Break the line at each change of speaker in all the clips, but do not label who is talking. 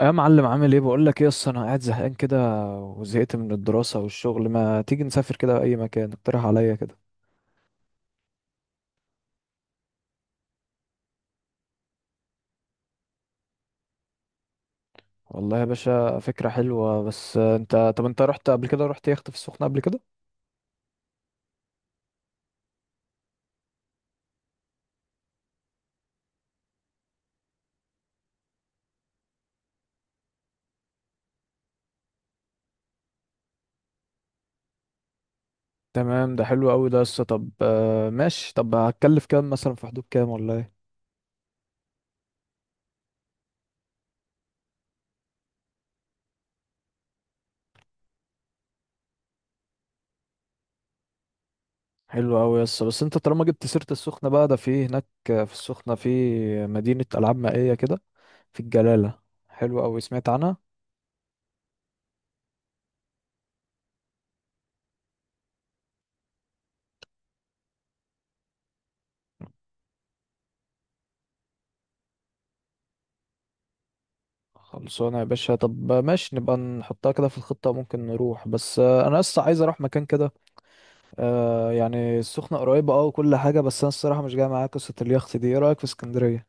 يا معلم، عامل ايه؟ بقول لك ايه، اصل انا قاعد زهقان كده، وزهقت من الدراسة والشغل. ما تيجي نسافر كده اي مكان؟ اقترح عليا كده. والله يا باشا فكرة حلوة. بس انت رحت يخت في السخنة قبل كده؟ تمام، ده حلو قوي ده لسه. طب ماشي. طب هتكلف كام مثلا؟ في حدود كام، ولا ايه؟ حلو قوي، يس. بس انت طالما جبت سيرة السخنة بقى، ده في هناك في السخنة في مدينة ألعاب مائية كده، في الجلالة. حلو قوي، سمعت عنها. خلصانة يا باشا، طب ماشي، نبقى نحطها كده في الخطة. ممكن نروح، بس أنا لسه عايز أروح مكان كده. يعني السخنة قريبة أه وكل حاجة، بس أنا الصراحة مش جاي معايا قصة اليخت دي. إيه رأيك في اسكندرية؟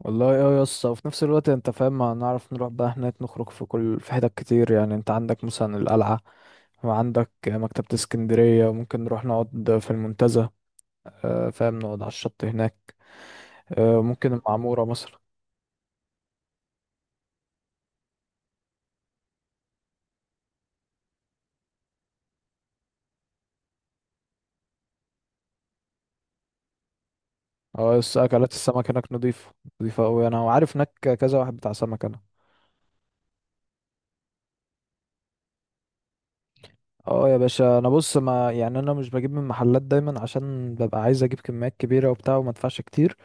والله أه يا اسطى، وفي نفس الوقت أنت فاهم، ما نعرف نروح بقى هناك نخرج في كل، في حتت كتير يعني. أنت عندك مثلا القلعة، وعندك مكتبة اسكندرية، وممكن نروح نقعد في المنتزه، فاهم، نقعد على الشط هناك، ممكن المعمورة مثلا. اه بس اكلات السمك هناك نضيفة؟ نضيفة قوي، انا عارف هناك كذا واحد بتاع سمك انا. اه يا باشا، انا بص، ما يعني انا مش بجيب من محلات دايما، عشان ببقى عايز اجيب كميات كبيرة وبتاع وما ادفعش كتير.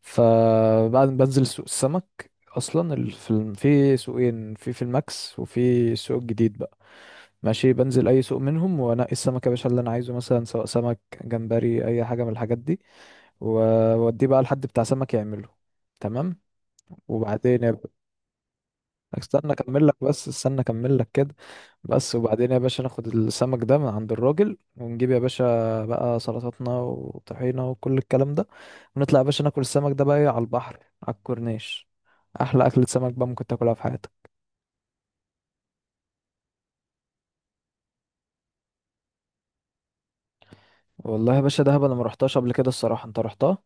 فبعد ما بنزل سوق السمك اصلا، في في سوقين، في الماكس وفي السوق الجديد بقى. ماشي، بنزل اي سوق منهم وانقي السمك يا باشا اللي انا عايزه، مثلا سواء سمك، جمبري، اي حاجة من الحاجات دي. واوديه بقى لحد بتاع سمك يعمله. تمام. وبعدين، استنى اكمل لك كده. بس وبعدين يا باشا، ناخد السمك ده من عند الراجل، ونجيب يا باشا بقى سلطاتنا وطحينة وكل الكلام ده. ونطلع يا باشا ناكل السمك ده بقى إيه، على البحر على الكورنيش. احلى اكلة سمك بقى ممكن تاكلها في حياتك. والله يا باشا دهب، انا ما رحتهاش قبل كده الصراحة. انت رحتها؟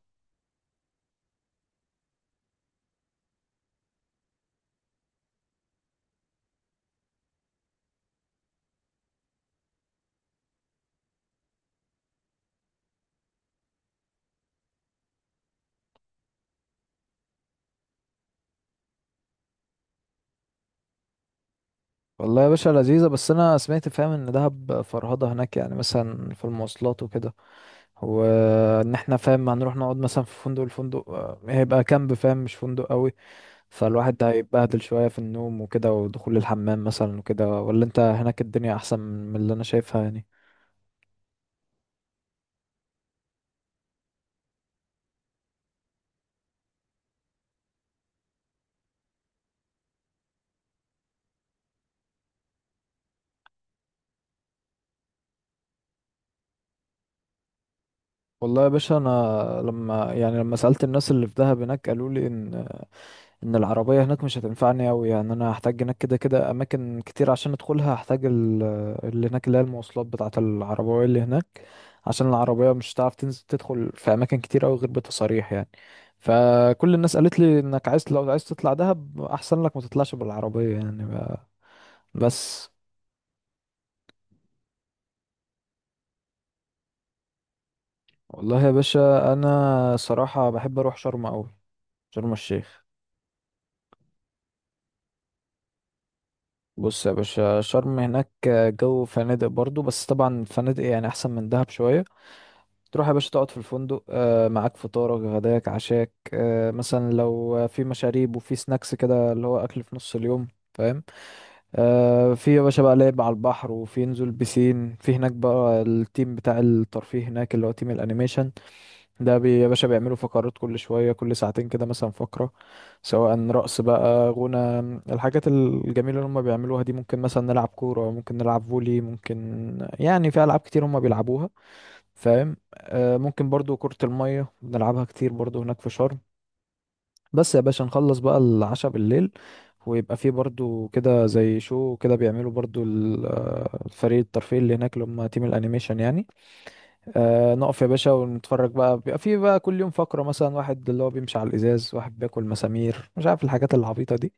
والله يا باشا لذيذة. بس انا سمعت فاهم ان دهب فرهضة هناك، يعني مثلا في المواصلات وكده، وان احنا فاهم هنروح نقعد مثلا في فندق، الفندق هيبقى كامب فاهم، مش فندق قوي. فالواحد ده هيتبهدل شوية في النوم وكده، ودخول الحمام مثلا وكده. ولا انت هناك الدنيا احسن من اللي انا شايفها يعني؟ والله يا باشا انا، لما يعني لما سألت الناس اللي في دهب هناك، قالوا لي ان العربية هناك مش هتنفعني قوي يعني. انا هحتاج هناك كده اماكن كتير عشان ادخلها، هحتاج اللي هناك، اللي هي المواصلات بتاعة العربية اللي هناك، عشان العربية مش هتعرف تنزل تدخل في اماكن كتير قوي غير بتصاريح يعني. فكل الناس قالت لي انك عايز، لو عايز تطلع دهب احسن لك ما تطلعش بالعربية يعني. بس. والله يا باشا انا صراحة بحب اروح شرم اوي، شرم الشيخ. بص يا باشا، شرم هناك جو فنادق برضو، بس طبعا فنادق يعني احسن من دهب شوية. تروح يا باشا تقعد في الفندق، معاك فطارك غداك عشاك، مثلا لو في مشاريب وفي سناكس كده اللي هو اكل في نص اليوم، فاهم. في يا باشا بقى لعب على البحر، وفي نزول بسين في هناك بقى. التيم بتاع الترفيه هناك اللي هو تيم الانيميشن ده، بي يا باشا بيعملوا فقرات كل شوية، كل ساعتين كده مثلا فقرة، سواء رقص بقى، غنى، الحاجات الجميلة اللي هم بيعملوها دي. ممكن مثلا نلعب كورة، ممكن نلعب فولي، ممكن يعني في ألعاب كتير هم بيلعبوها فاهم. ممكن برضو كرة المية بنلعبها كتير برضو هناك في شرم. بس يا باشا نخلص بقى العشاء بالليل، ويبقى فيه برضو كده زي شو كده، بيعملوا برضو فريق الترفيه اللي هناك اللي هم تيم الانيميشن يعني. نقف يا باشا ونتفرج بقى. بيبقى في بقى كل يوم فقرة، مثلا واحد اللي هو بيمشي على الإزاز، واحد بياكل مسامير، مش عارف الحاجات العبيطة دي.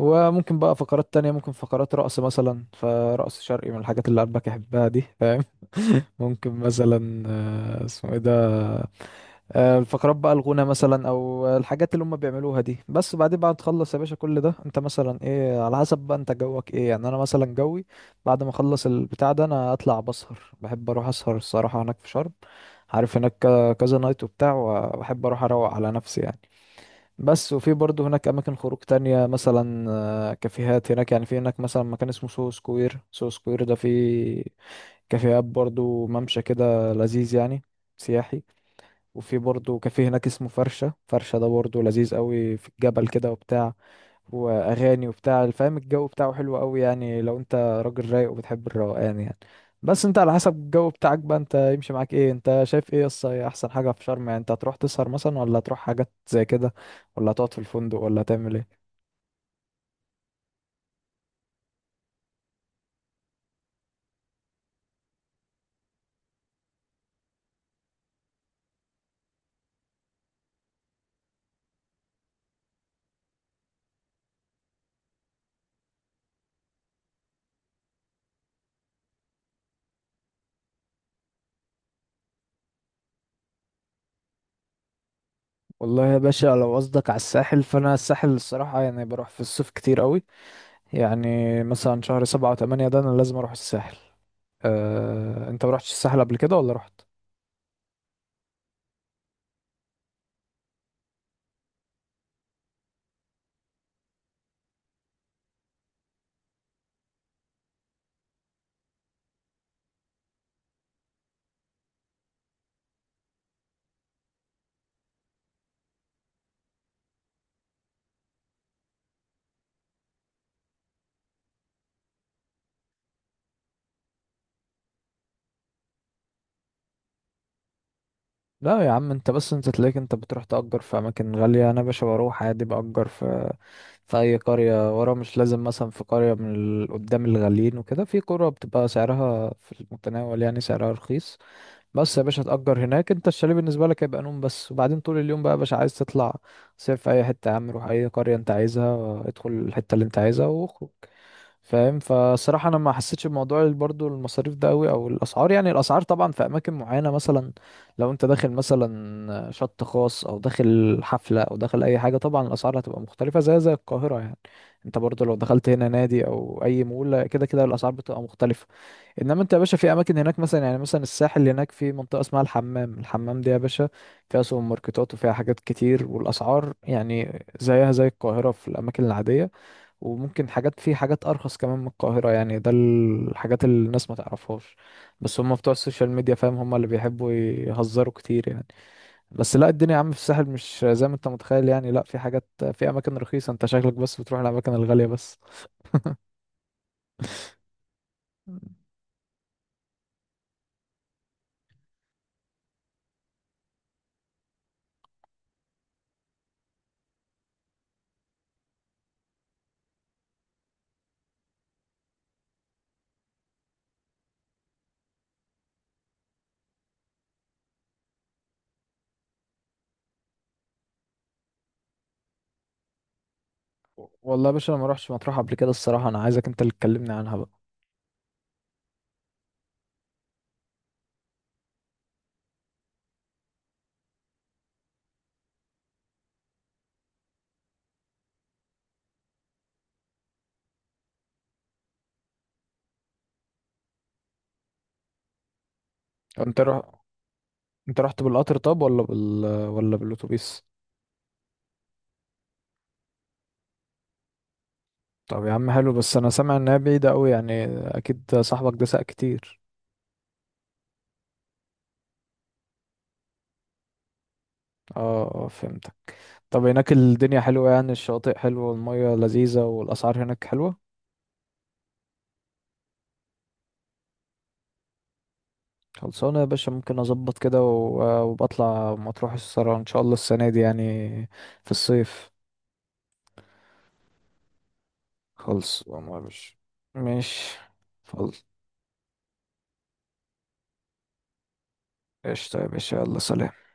وممكن بقى فقرات تانية، ممكن فقرات رقص مثلا، فرقص شرقي من الحاجات اللي قلبك يحبها دي فاهم. ممكن مثلا اسمه ايه ده، الفقرات بقى الغنى مثلا، او الحاجات اللي هم بيعملوها دي. بس بعدين بعد تخلص يا باشا كل ده، انت مثلا ايه على حسب بقى انت جوك ايه يعني. انا مثلا جوي بعد ما اخلص البتاع ده، انا اطلع بسهر، بحب اروح اسهر الصراحة هناك في شرم. عارف هناك كذا نايت وبتاع، وبحب اروح اروق على نفسي يعني. بس. وفي برضه هناك اماكن خروج تانية، مثلا كافيهات هناك يعني. في هناك مثلا مكان اسمه سو سكوير، سو سكوير ده فيه كافيهات برضه، ممشى كده لذيذ يعني، سياحي. وفي برضه كافيه هناك اسمه فرشة، فرشة ده برضه لذيذ قوي، في الجبل كده وبتاع، واغاني وبتاع فاهم. الجو بتاعه حلو قوي يعني، لو انت راجل رايق وبتحب الروقان يعني. بس انت على حسب الجو بتاعك بقى، انت يمشي معاك ايه، انت شايف ايه. يس هي احسن حاجه في شرم يعني. انت هتروح تسهر مثلا، ولا هتروح حاجات زي كده، ولا هتقعد في الفندق، ولا هتعمل ايه؟ والله يا باشا لو قصدك على الساحل، فانا الساحل الصراحه يعني بروح في الصيف كتير قوي يعني. مثلا شهر 7 و8 ده انا لازم اروح الساحل. انت ما رحتش الساحل قبل كده، ولا رحت؟ لا يا عم، انت بس انت تلاقيك انت بتروح تأجر في اماكن غالية. انا باشا بروح عادي، بأجر في في اي قرية ورا، مش لازم مثلا في قرية من قدام الغاليين وكده. في قرى بتبقى سعرها في المتناول يعني، سعرها رخيص. بس يا باشا تأجر هناك، انت الشاليه بالنسبة لك هيبقى نوم بس، وبعدين طول اليوم بقى يا باشا عايز تطلع. صيف في اي حتة يا عم، روح اي قرية انت عايزها، ادخل الحتة اللي انت عايزها واخرج، فاهم. فصراحة انا ما حسيتش بموضوع برضو المصاريف ده قوي، او الاسعار يعني. الاسعار طبعا في اماكن معينة، مثلا لو انت داخل مثلا شط خاص، او داخل حفلة، او داخل اي حاجة، طبعا الاسعار هتبقى مختلفة، زي القاهرة يعني. انت برضو لو دخلت هنا نادي او اي مول، كده كده الاسعار بتبقى مختلفة. انما انت يا باشا في اماكن هناك، مثلا يعني مثلا الساحل هناك في منطقة اسمها الحمام. الحمام دي يا باشا فيها سوبر ماركتات، وفيها حاجات كتير، والاسعار يعني زيها زي القاهرة في الاماكن العادية. وممكن حاجات، في حاجات ارخص كمان من القاهره يعني. ده الحاجات اللي الناس ما تعرفهاش، بس هم بتوع السوشيال ميديا فاهم، هم اللي بيحبوا يهزروا كتير يعني. بس لا، الدنيا يا عم في الساحل مش زي ما انت متخيل يعني. لا، في حاجات، في اماكن رخيصه، انت شكلك بس بتروح الاماكن الغاليه بس. والله يا باشا انا ما روحتش مطروح قبل كده الصراحه، انا عايزك انت اللي تكلمني عنها بقى. انت رح... انت رحت بالقطر طب، ولا بال، ولا بالاتوبيس؟ طب يا عم حلو. بس انا سامع انها بعيده قوي يعني، اكيد صاحبك ده ساق كتير. اه اه، فهمت. طب هناك الدنيا حلوة يعني؟ الشواطئ حلوة، والمية لذيذة، والأسعار هناك حلوة؟ خلصانة يا باشا، ممكن أظبط كده وبطلع مطروح الصراحة إن شاء الله السنة دي يعني، في الصيف. خلص والله يا باشا. ماشي. خلص، قشطة يا باشا، يلا سلام.